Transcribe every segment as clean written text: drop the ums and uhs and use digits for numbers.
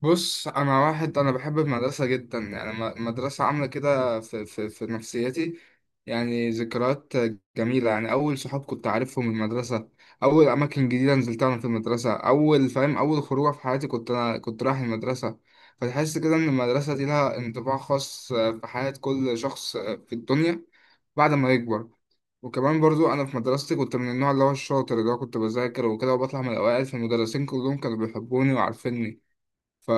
بص، انا واحد انا بحب المدرسه جدا. يعني المدرسه عامله كده في نفسيتي. يعني ذكريات جميله. يعني اول صحاب كنت عارفهم من المدرسه. اول اماكن جديده نزلتها انا في المدرسه. اول فاهم، اول خروجه في حياتي كنت رايح المدرسه. فتحس كده ان المدرسه دي لها انطباع خاص في حياه كل شخص في الدنيا بعد ما يكبر. وكمان برضو انا في مدرستي كنت من النوع اللي هو الشاطر، اللي هو كنت بذاكر وكده وبطلع من الاوائل، فالمدرسين كلهم كانوا بيحبوني وعارفيني. ف...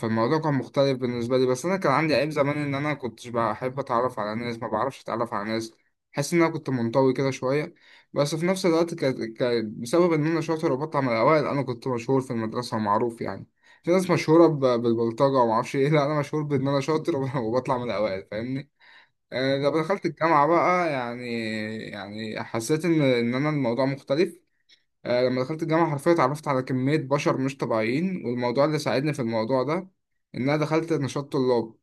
فالموضوع كان مختلف بالنسبة لي. بس أنا كان عندي عيب زمان إن أنا كنتش بحب أتعرف على ناس، ما بعرفش أتعرف على ناس. حاسس إن أنا كنت منطوي كده شوية. بس في نفس الوقت، بسبب إن أنا شاطر وبطلع من الأوائل أنا كنت مشهور في المدرسة ومعروف يعني. في ناس مشهورة بالبلطجة ومعرفش إيه لا، أنا مشهور بإن أنا شاطر وبطلع من الأوائل، فاهمني؟ آه، لما دخلت الجامعة بقى يعني، يعني حسيت إن أنا الموضوع مختلف. آه، لما دخلت الجامعة حرفيا اتعرفت على كمية بشر مش طبيعيين، والموضوع اللي ساعدني في الموضوع ده إن أنا دخلت نشاط طلاب.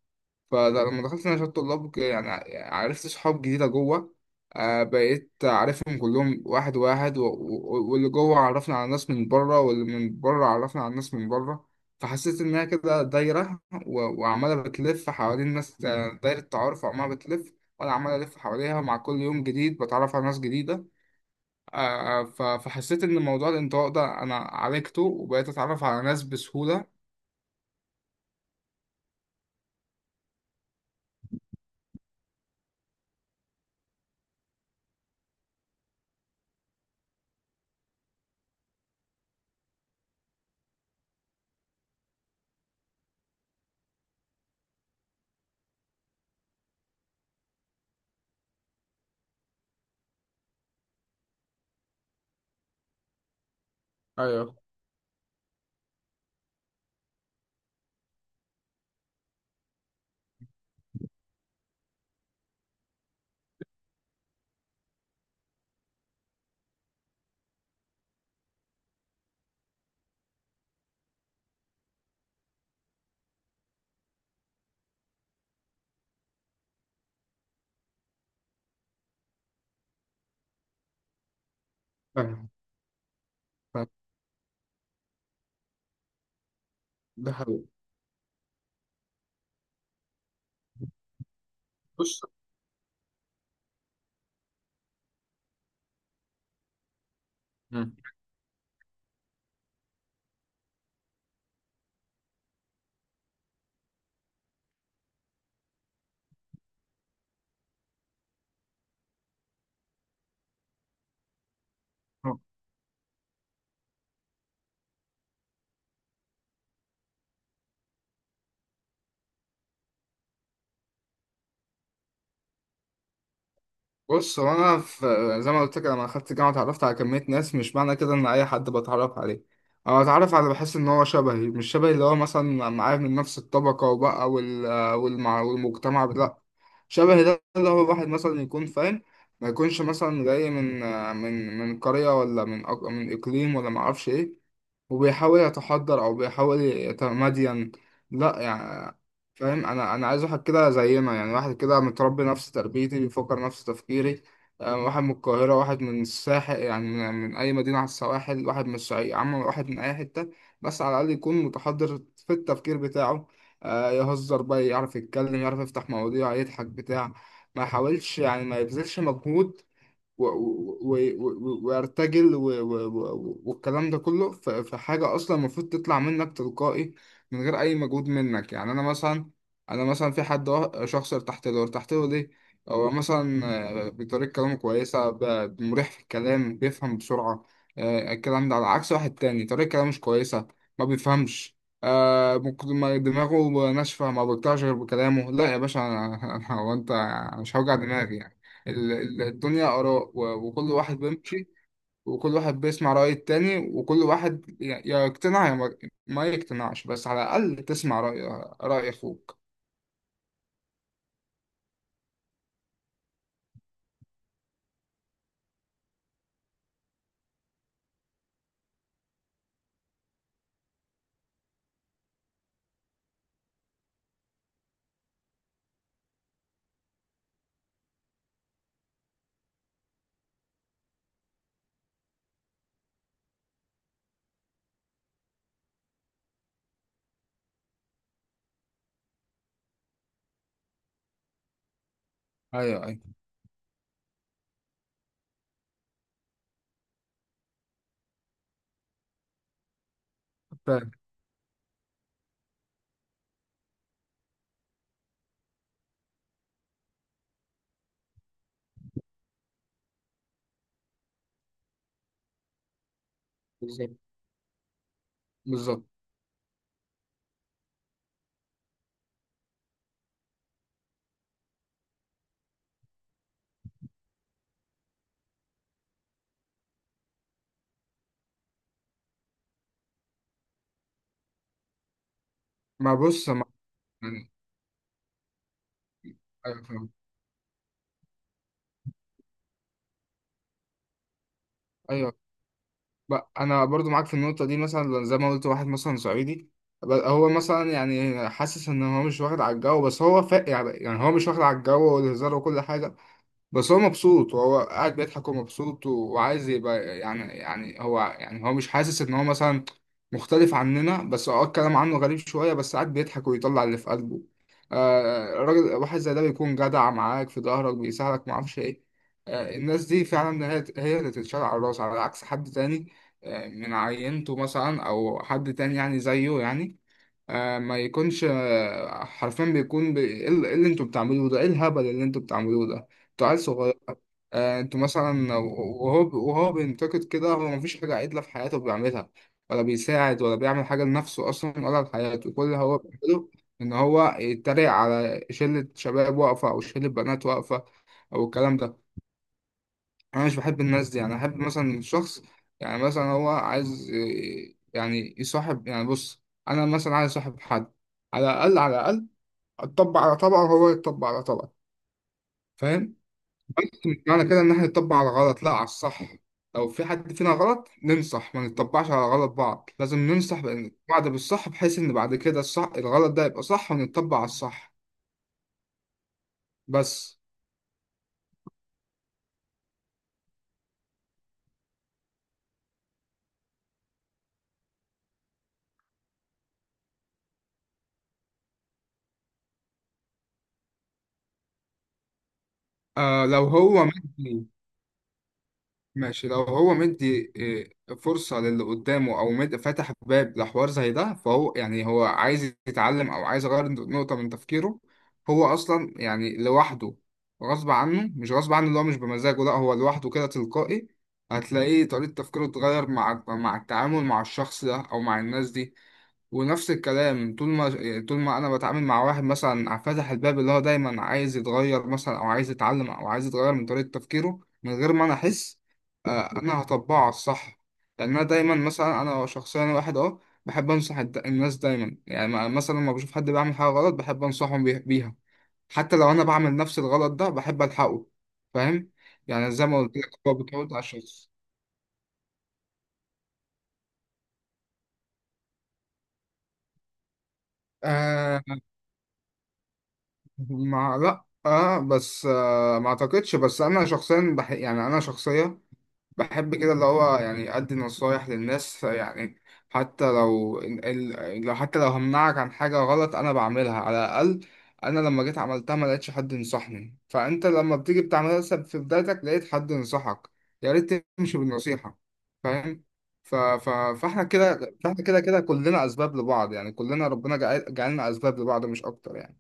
فلما دخلت نشاط طلاب يعني عرفت صحاب جديدة جوه. آه، بقيت عارفهم كلهم واحد واحد، واللي جوه عرفنا على ناس من بره، واللي من بره عرفنا على ناس من بره. فحسيت إنها كده دايرة، وعمالة بتلف حوالين ناس. آه، دايرة تعارف وعمالة بتلف وأنا عمال ألف حواليها. مع كل يوم جديد بتعرف على ناس جديدة. آه، آه، فحسيت ان موضوع الانطواء ده انا عالجته وبقيت اتعرف على ناس بسهولة. ايوه، فاهم. فاهم، ده حقيقي. بص. مم. بص، هو انا زي ما قلت لك لما دخلت الجامعه اتعرفت على كميه ناس. مش معنى كده ان اي حد بتعرف عليه، انا بتعرف على اللي بحس ان هو شبهي. مش شبهي اللي هو مثلا معايا من نفس الطبقه وبقى، والمجتمع، لا. شبهي ده اللي هو واحد مثلا يكون فاهم. ما يكونش مثلا جاي من قريه، ولا من اقليم، ولا ما اعرفش ايه، وبيحاول يتحضر او بيحاول يتمدين. لا يعني، فاهم. انا عايز واحد كده زينا، يعني واحد كده متربي نفس تربيتي، بيفكر نفس تفكيري. آه، واحد من القاهرة، واحد من الساحل، يعني من أي مدينة على السواحل، واحد من الصعيد، عم، واحد من أي حتة. بس على الأقل يكون متحضر في التفكير بتاعه. آه، يهزر بقى، يعرف يتكلم، يعرف يفتح مواضيع، يضحك بتاع. ما يحاولش يعني، ما يبذلش مجهود وارتجل والكلام ده كله. في حاجة أصلا المفروض تطلع منك تلقائي من غير أي مجهود منك. يعني أنا مثلا، أنا مثلا في حد، شخص ارتحت له. ارتحت له ليه؟ هو مثلا، آه، بطريقة كلامه كويسة، مريح في الكلام، بيفهم بسرعة. آه، الكلام ده على عكس واحد تاني طريقة كلامه مش كويسة، ما بيفهمش. آه، ما دماغه ناشفة، ما بيقطعش غير بكلامه. لا يا باشا، هو أنت؟ مش هوجع دماغي. الدنيا آراء، وكل واحد بيمشي، وكل واحد بيسمع رأي التاني، وكل واحد يا يقتنع يا ما يقتنعش، بس على الأقل تسمع رأي أخوك. أيوه، أيوه، فاهم. بالظبط. بالظبط. ما بص، ما يعني، أيوه، فاهم. أيوه، بقى أنا برضو معاك في النقطة دي. مثلا زي ما قلت واحد مثلا صعيدي، هو مثلا يعني حاسس إن هو مش واخد على الجو. بس هو يعني هو مش واخد على الجو والهزار وكل حاجة. بس هو مبسوط، وهو قاعد بيضحك ومبسوط، وعايز يبقى يعني هو مش حاسس ان هو مثلا مختلف عننا. بس اه، الكلام عنه غريب شوية، بس قاعد بيضحك ويطلع اللي في قلبه. آه، راجل واحد زي ده بيكون جدع معاك، في ظهرك، بيساعدك، معرفش ايه. آه، الناس دي فعلا هي اللي تتشال على الراس، على عكس حد تاني. آه، من عينته مثلا، او حد تاني يعني زيه يعني. آه، ما يكونش، آه، حرفيا بيكون ايه، إيه اللي انتوا بتعملوه ده، ايه الهبل اللي انتوا بتعملوه ده، انتوا عيال صغير. آه، انتوا مثلا، وهو بينتقد كده. هو مفيش حاجة عدلة في حياته بيعملها، ولا بيساعد، ولا بيعمل حاجة لنفسه أصلا ولا لحياته. كل اللي هو بيعمله إن هو يتريق على شلة شباب واقفة أو شلة بنات واقفة، أو الكلام ده. انا مش بحب الناس دي. يعني احب مثلا الشخص، يعني مثلا هو عايز إيه، يعني يصاحب. يعني بص، انا مثلا عايز اصاحب حد، على الاقل على الاقل اطبق على طبقه وهو يطبق على طبقه، فاهم. مش معنى كده ان احنا نطبق على غلط، لا، على الصح. لو في حد فينا غلط ننصح، ما نطبقش على غلط، بعض لازم ننصح بعض بالصح، بحيث ان بعد كده الصح الغلط ده يبقى صح ونطبق على الصح. بس، آه، لو هو مادي، ماشي، لو هو مدي إيه، فرصة للي قدامه أو مد فتح باب لحوار زي ده، فهو يعني هو عايز يتعلم أو عايز يغير نقطة من تفكيره. هو أصلا يعني لوحده غصب عنه، مش غصب عنه اللي هو مش بمزاجه، لا، هو لوحده كده تلقائي هتلاقيه طريقة تفكيره اتغير مع التعامل مع الشخص ده أو مع الناس دي. ونفس الكلام، طول ما يعني طول ما انا بتعامل مع واحد مثلا فاتح الباب، اللي هو دايما عايز يتغير مثلا او عايز يتعلم او عايز يتغير من طريقة تفكيره، من غير ما انا احس. آه، انا هطبقه على الصح. لان انا دايما مثلا، انا شخصيا واحد اه بحب انصح الناس دايما، يعني مثلا لما بشوف حد بيعمل حاجة غلط بحب انصحهم بيها. حتى لو انا بعمل نفس الغلط ده بحب الحقه، فاهم. يعني زي ما قلت لك هو بتعود على الشخص. آه، ما، لا، اه، بس آه، ما اعتقدش. بس انا شخصيا يعني انا شخصيا بحب كده اللي هو يعني ادي نصايح للناس يعني. حتى لو ال... ال- لو حتى لو همنعك عن حاجة غلط انا بعملها. على الاقل انا لما جيت عملتها ما لقيتش حد ينصحني، فانت لما بتيجي بتعملها لسه في بدايتك لقيت حد ينصحك، يا ريت تمشي بالنصيحة، فاهم. فاحنا كده كلنا اسباب لبعض. يعني كلنا ربنا جعلنا اسباب لبعض، مش اكتر يعني.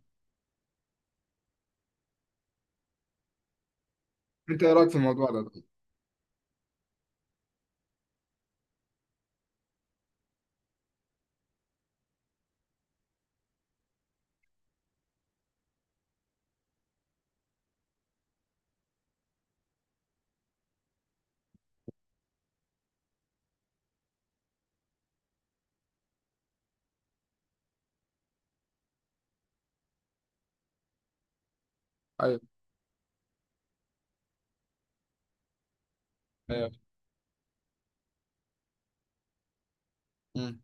انت ايه رايك في الموضوع ده طيب؟ ايوه، ايوه. مم.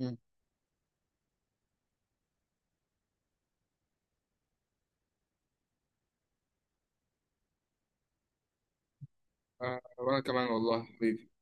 مم. آه، وانا كمان والله حبيبي.